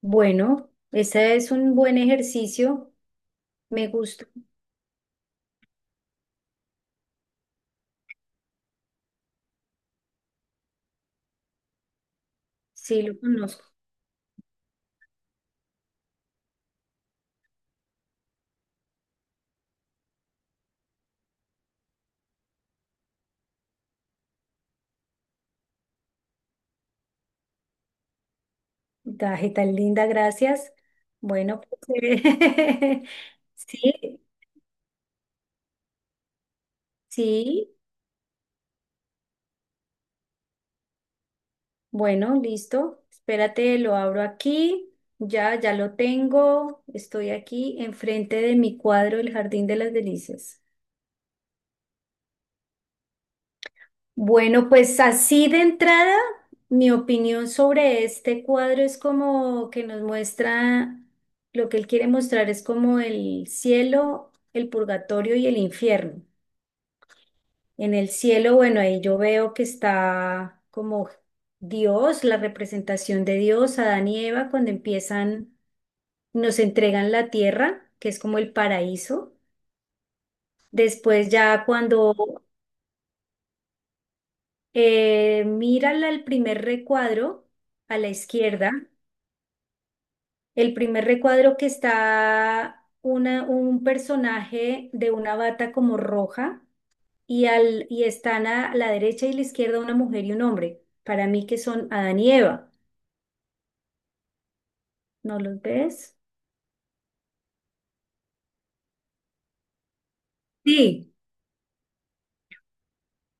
Bueno, ese es un buen ejercicio. Me gusta. Sí, lo conozco. Daje tan linda, gracias. Bueno, pues, sí, sí. Bueno, listo. Espérate, lo abro aquí. Ya, ya lo tengo. Estoy aquí enfrente de mi cuadro, El Jardín de las Delicias. Bueno, pues así de entrada, mi opinión sobre este cuadro es como que nos muestra lo que él quiere mostrar es como el cielo, el purgatorio y el infierno. En el cielo, bueno, ahí yo veo que está como Dios, la representación de Dios, Adán y Eva, cuando empiezan, nos entregan la tierra, que es como el paraíso. Después ya cuando mira el primer recuadro a la izquierda. El primer recuadro que está una, un personaje de una bata como roja y están a la derecha y la izquierda una mujer y un hombre. Para mí que son Adán y Eva. ¿No los ves? Sí.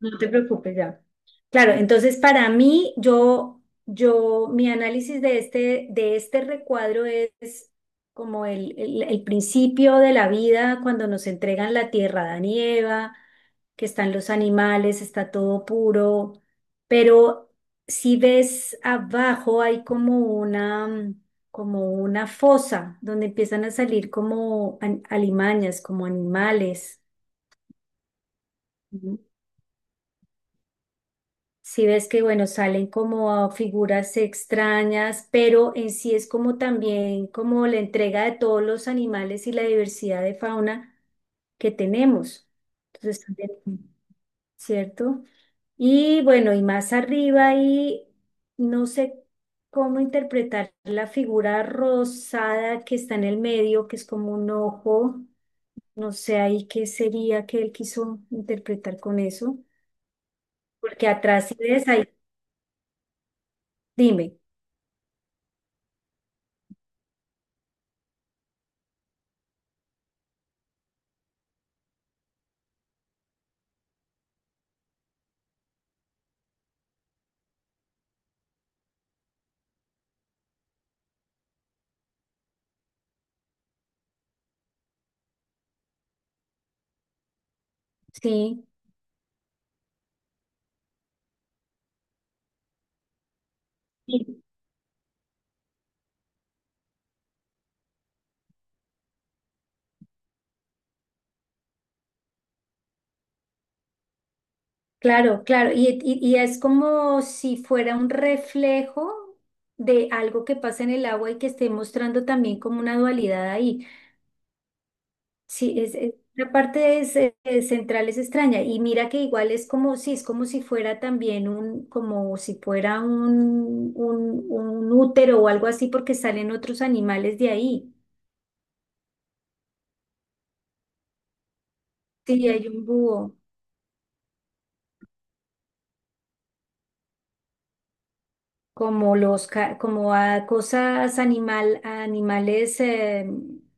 No te preocupes ya. Claro, entonces para mí, yo, mi análisis de este recuadro es como el principio de la vida cuando nos entregan la tierra, Adán y Eva, que están los animales, está todo puro, pero si ves abajo hay como una, como una fosa donde empiezan a salir como alimañas, como animales. Si ves que, bueno, salen como figuras extrañas, pero en sí es como también como la entrega de todos los animales y la diversidad de fauna que tenemos. Entonces, también, ¿cierto? Y bueno, y más arriba y no sé cómo interpretar la figura rosada que está en el medio, que es como un ojo. No sé ahí qué sería que él quiso interpretar con eso. Porque atrás, si ves ahí, dime, sí. Sí, claro, claro, y es como si fuera un reflejo de algo que pasa en el agua y que esté mostrando también como una dualidad ahí. Sí, la parte es, central es extraña y mira que igual es como si fuera también un, como si fuera un útero o algo así porque salen otros animales de ahí. Sí, hay un búho. Como los como a cosas animal a animales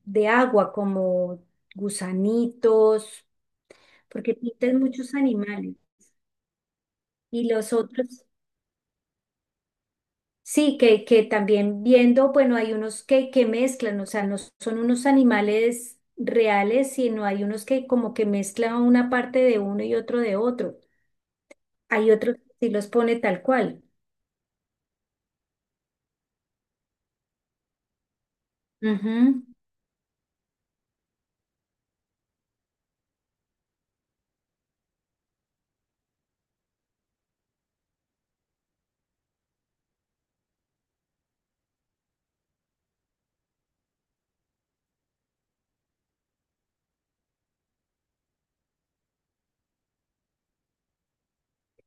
de agua como gusanitos, porque pintan muchos animales y los otros sí, que también viendo, bueno, hay unos que mezclan, o sea, no son unos animales reales, sino hay unos que como que mezclan una parte de uno y otro de otro. Hay otros que sí los pone tal cual. Ujú.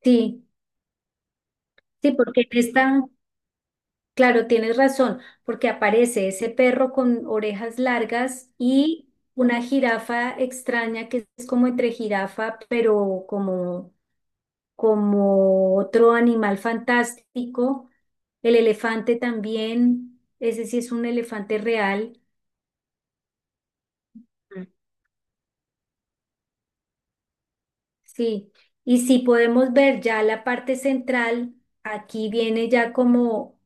Sí, sí porque están. Claro, tienes razón, porque aparece ese perro con orejas largas y una jirafa extraña que es como entre jirafa, pero como, como otro animal fantástico. El elefante también, ese sí es un elefante real. Mm. Sí. Y si podemos ver ya la parte central, aquí viene ya como,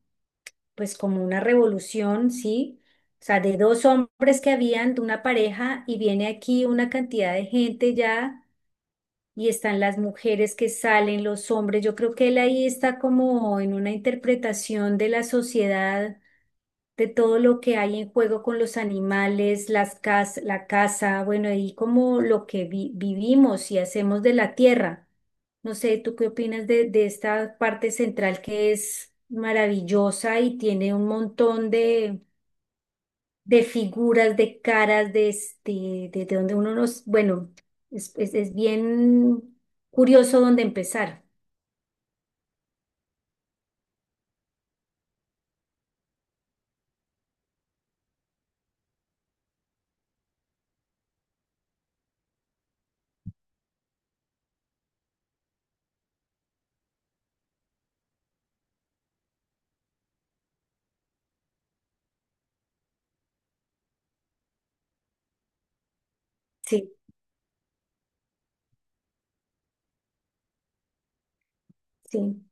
pues como una revolución, ¿sí? O sea, de dos hombres que habían, de una pareja, y viene aquí una cantidad de gente ya, y están las mujeres que salen, los hombres. Yo creo que él ahí está como en una interpretación de la sociedad, de todo lo que hay en juego con los animales, la casa, bueno, y como lo que vivimos y hacemos de la tierra. No sé, ¿tú qué opinas de esta parte central que es maravillosa y tiene un montón de figuras, de caras, de, este, de donde uno nos, bueno, es bien curioso dónde empezar. Sí, sí,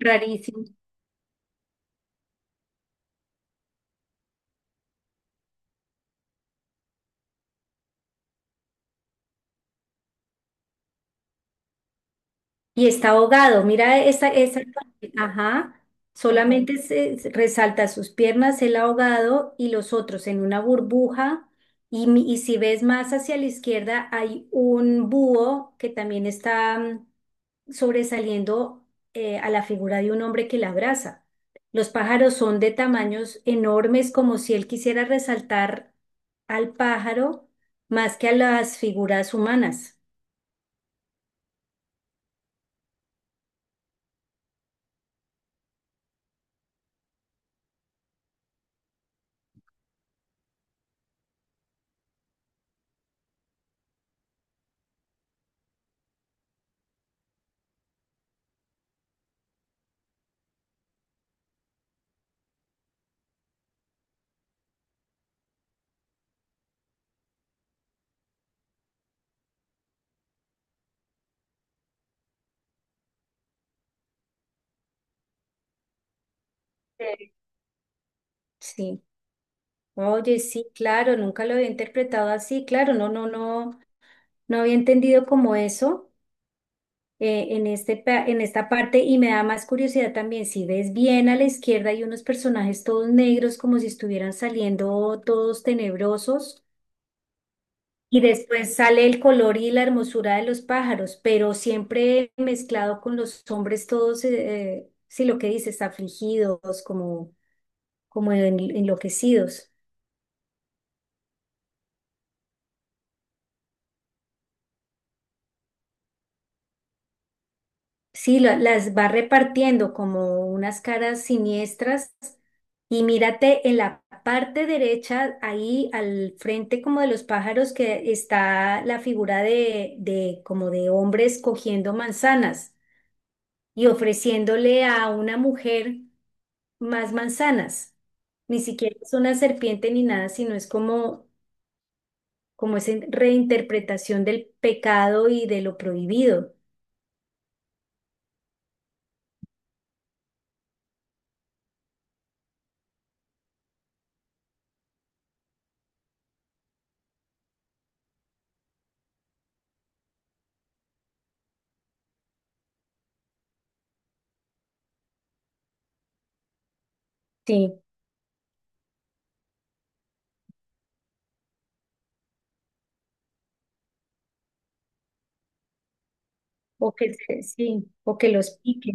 rarísimo. Y está ahogado, mira esa, esa parte, ajá, solamente se resalta sus piernas, el ahogado y los otros en una burbuja. Y, y si ves más hacia la izquierda, hay un búho que también está, sobresaliendo a la figura de un hombre que la abraza. Los pájaros son de tamaños enormes, como si él quisiera resaltar al pájaro más que a las figuras humanas. Sí. Sí. Oye, sí, claro, nunca lo había interpretado así, claro, no, no, no, no había entendido como eso en este, en esta parte, y me da más curiosidad también, si ves bien a la izquierda hay unos personajes todos negros como si estuvieran saliendo todos tenebrosos, y después sale el color y la hermosura de los pájaros, pero siempre mezclado con los hombres todos, sí, lo que dices, afligidos, como, como enloquecidos. Sí, las va repartiendo como unas caras siniestras y mírate en la parte derecha, ahí al frente como de los pájaros, que está la figura de como de hombres cogiendo manzanas y ofreciéndole a una mujer más manzanas. Ni siquiera es una serpiente ni nada, sino es como, como esa reinterpretación del pecado y de lo prohibido. Sí, o que, sí, o que los pique.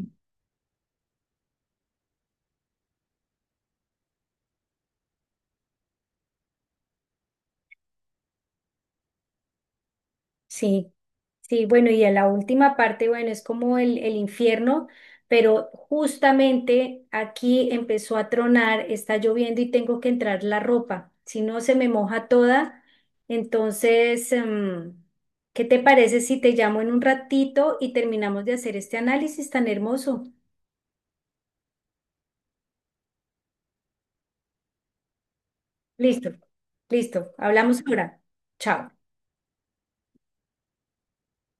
Sí, sí, bueno, y a la última parte, bueno, es como el infierno, pero justamente aquí empezó a tronar, está lloviendo y tengo que entrar la ropa, si no se me moja toda. Entonces, ¿qué te parece si te llamo en un ratito y terminamos de hacer este análisis tan hermoso? Listo, listo, hablamos ahora. Chao.